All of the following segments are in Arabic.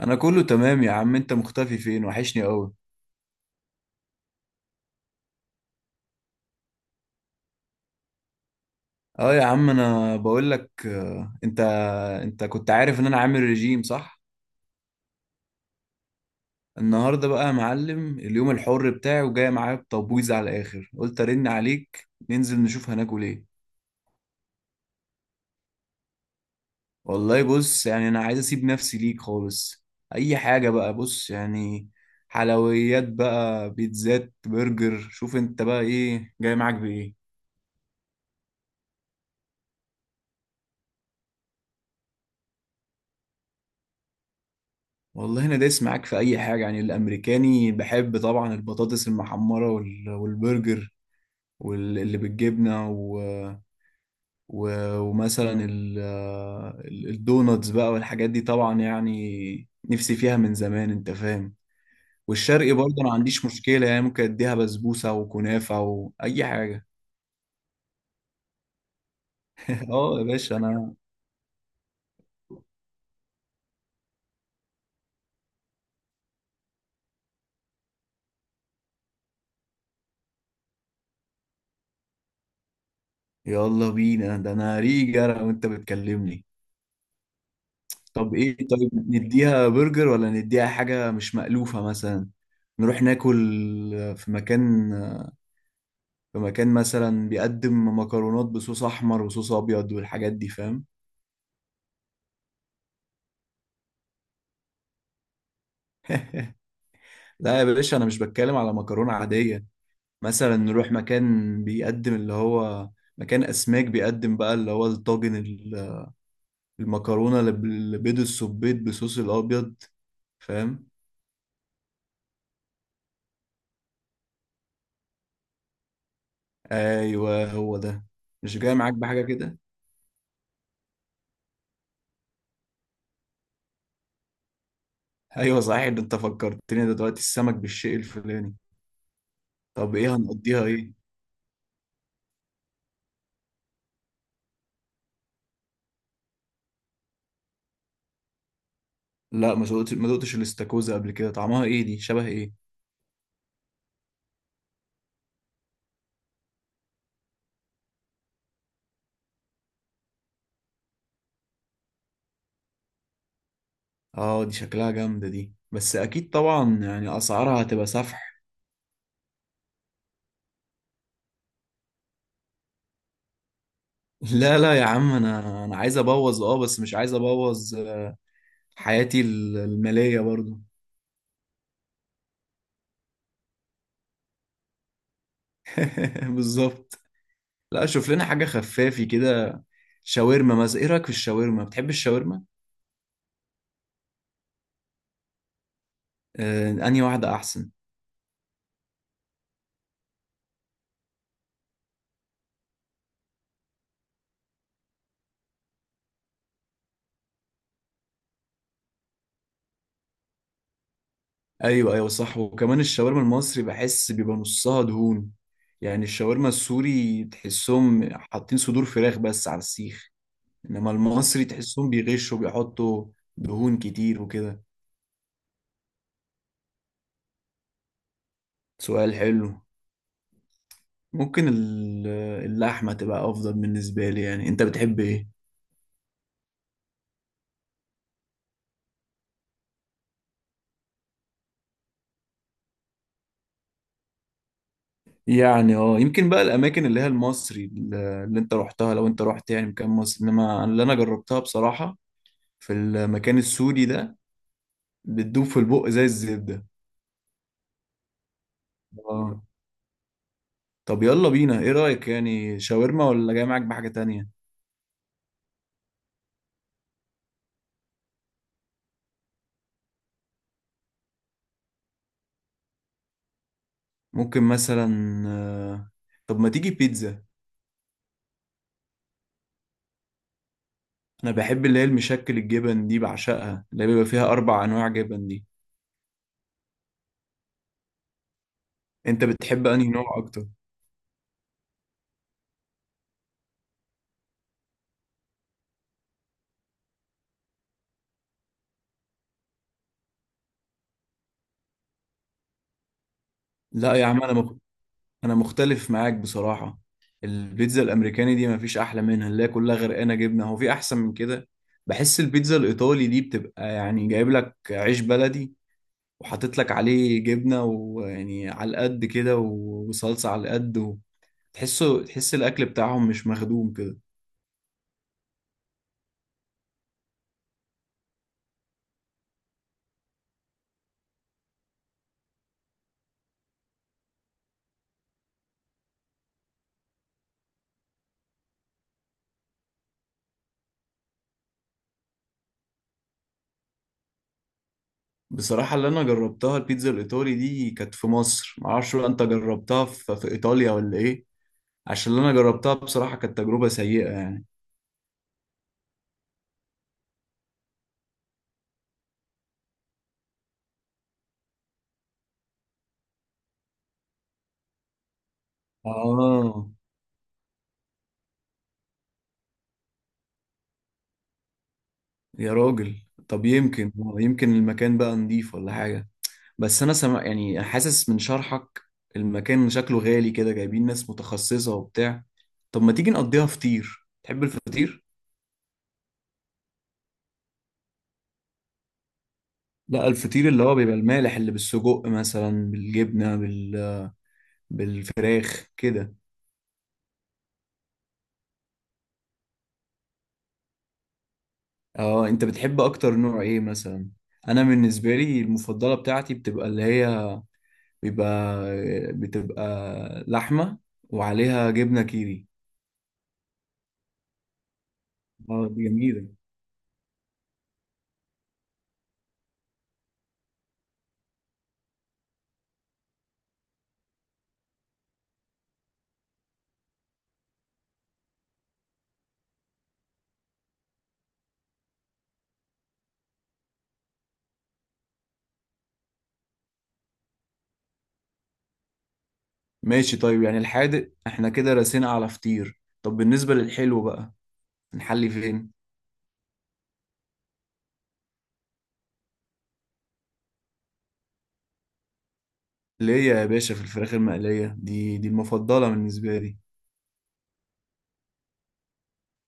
انا كله تمام يا عم. انت مختفي فين؟ وحشني قوي. اه يا عم انا بقول لك انت انت كنت عارف ان انا عامل ريجيم صح؟ النهارده بقى يا معلم اليوم الحر بتاعي، وجاي معايا بتبويظ على الاخر، قلت ارن عليك ننزل نشوف هناكل ايه. والله بص، يعني انا عايز اسيب نفسي ليك خالص. اي حاجه بقى، بص يعني، حلويات بقى، بيتزات، برجر، شوف انت بقى ايه جاي معاك بايه. والله انا دايس معاك في اي حاجه، يعني الامريكاني بحب طبعا البطاطس المحمره والبرجر واللي بالجبنه و... و... ومثلا الدوناتس بقى والحاجات دي، طبعا يعني نفسي فيها من زمان انت فاهم. والشرقي برضه انا ما عنديش مشكله، يعني ممكن اديها بسبوسه وكنافه واي حاجه. اه يا باشا انا، يلا بينا، ده انا ريجا وانت بتكلمني. طب ايه؟ طيب نديها برجر ولا نديها حاجة مش مألوفة مثلا؟ نروح ناكل في مكان، في مكان مثلا بيقدم مكرونات بصوص احمر وصوص ابيض والحاجات دي، فاهم؟ لا يا باشا انا مش بتكلم على مكرونة عادية، مثلا نروح مكان بيقدم اللي هو مكان اسماك، بيقدم بقى اللي هو الطاجن، المكرونة اللي بيض السبيط بصوص الابيض، فاهم؟ ايوه هو ده، مش جاي معاك بحاجة كده؟ ايوه صحيح، ده انت فكرتني دلوقتي السمك بالشيء الفلاني. طب ايه هنقضيها ايه؟ لا ما دقتش، ما دقتش الاستاكوزا قبل كده، طعمها ايه؟ دي شبه ايه؟ اه دي شكلها جامده دي، بس اكيد طبعا يعني اسعارها هتبقى سفح. لا لا يا عم، انا عايز ابوظ اه، بس مش عايز ابوظ حياتي الماليه برضو. بالظبط. لا شوف لنا حاجه خفافي كده، شاورما مثلا، ايه رايك في الشاورما؟ بتحب الشاورما؟ آه انهي واحده احسن؟ ايوه ايوه صح، وكمان الشاورما المصري بحس بيبقى نصها دهون. يعني الشاورما السوري تحسهم حاطين صدور فراخ بس على السيخ، انما المصري تحسهم بيغشوا بيحطوا دهون كتير وكده. سؤال حلو. ممكن اللحمة تبقى افضل بالنسبة لي، يعني انت بتحب ايه؟ يعني اه يمكن بقى الاماكن اللي هي المصري اللي انت رحتها، لو انت رحت يعني مكان مصري، انما اللي انا جربتها بصراحة في المكان السوري ده بتدوب في البق زي الزبدة. اه. طب يلا بينا، ايه رأيك؟ يعني شاورما ولا جاي معاك بحاجة تانية؟ ممكن مثلا، آه، طب ما تيجي بيتزا. انا بحب اللي هي المشكل الجبن دي، بعشقها اللي بيبقى فيها اربع انواع جبن دي. انت بتحب انهي نوع اكتر؟ لا يا عم انا مخ... انا مختلف معاك بصراحة. البيتزا الامريكاني دي مفيش احلى منها، اللي هي كلها غرقانة جبنة، هو في احسن من كده؟ بحس البيتزا الايطالي دي بتبقى يعني جايب لك عيش بلدي وحاطط لك عليه جبنة، ويعني على القد كده وصلصة على القد، تحسه، تحس الاكل بتاعهم مش مخدوم كده. بصراحة اللي انا جربتها البيتزا الايطالي دي كانت في مصر، معرفش بقى انت جربتها في ايطاليا ولا ايه، عشان اللي انا جربتها بصراحة كانت تجربة سيئة يعني. اه يا راجل، طب يمكن، يمكن المكان بقى نضيف ولا حاجة، بس انا سمع يعني حاسس من شرحك المكان شكله غالي كده، جايبين ناس متخصصة وبتاع. طب ما تيجي نقضيها فطير، تحب الفطير؟ لا الفطير اللي هو بيبقى المالح، اللي بالسجق مثلا، بالجبنة، بال، بالفراخ كده. اه انت بتحب اكتر نوع ايه مثلا؟ انا بالنسبه لي المفضله بتاعتي بتبقى اللي هي بيبقى، بتبقى لحمه وعليها جبنه كيري. اه دي جميله. ماشي طيب، يعني الحادق احنا كده رسينا على فطير، طب بالنسبه للحلو بقى نحلي فين؟ ليه يا باشا؟ في الفراخ المقليه دي، دي المفضله بالنسبه لي.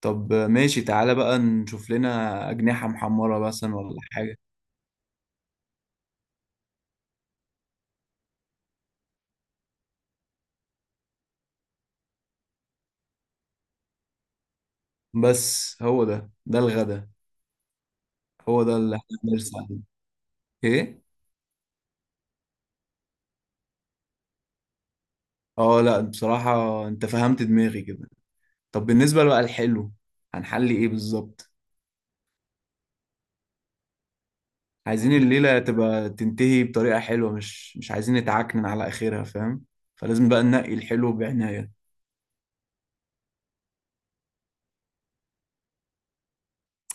طب ماشي تعالى بقى نشوف لنا اجنحه محمره مثلا ولا حاجه. بس هو ده ده الغدا؟ هو ده اللي احنا بنرسم عليه؟ ايه. اه لا بصراحة انت فهمت دماغي كده. طب بالنسبة بقى الحلو، هنحل ايه بالظبط؟ عايزين الليلة تبقى تنتهي بطريقة حلوة، مش عايزين نتعكنن على اخرها فاهم، فلازم بقى ننقي الحلو بعناية.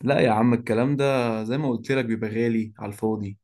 لا يا عم الكلام ده، زي ما قلت لك بيبقى غالي على الفاضي.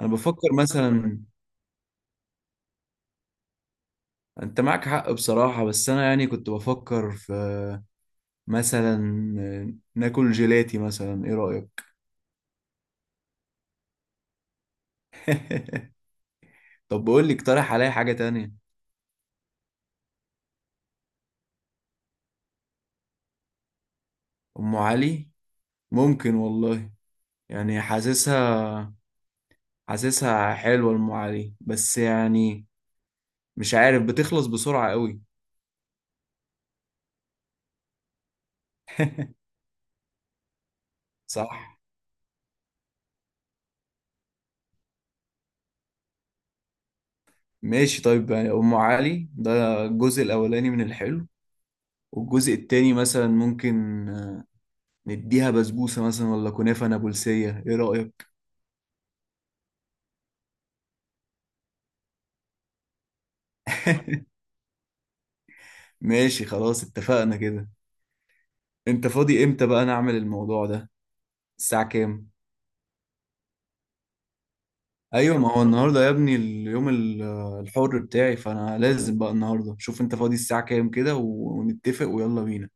انا بفكر مثلا، انت معك حق بصراحة، بس انا يعني كنت بفكر في، مثلا ناكل جيلاتي مثلا، ايه رأيك؟ طب بقول لي، اقترح عليا حاجة تانية. أم علي؟ ممكن والله، يعني حاسسها، حاسسها حلوة أم علي، بس يعني مش عارف بتخلص بسرعة قوي. صح. ماشي طيب، يعني أم علي ده الجزء الأولاني من الحلو، والجزء التاني مثلا ممكن نديها بسبوسة مثلا، ولا كنافة نابلسية، إيه رأيك؟ ماشي خلاص اتفقنا كده. أنت فاضي إمتى بقى نعمل الموضوع ده؟ الساعة كام؟ ايوه ما هو النهارده يا ابني اليوم الحر بتاعي، فانا لازم بقى النهارده، شوف انت فاضي الساعه كام كده ونتفق ويلا بينا.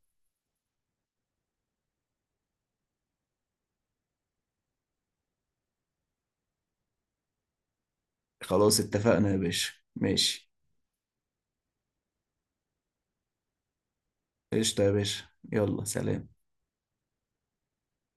خلاص اتفقنا يا باشا، ماشي. قشطه يا باشا، يلا سلام.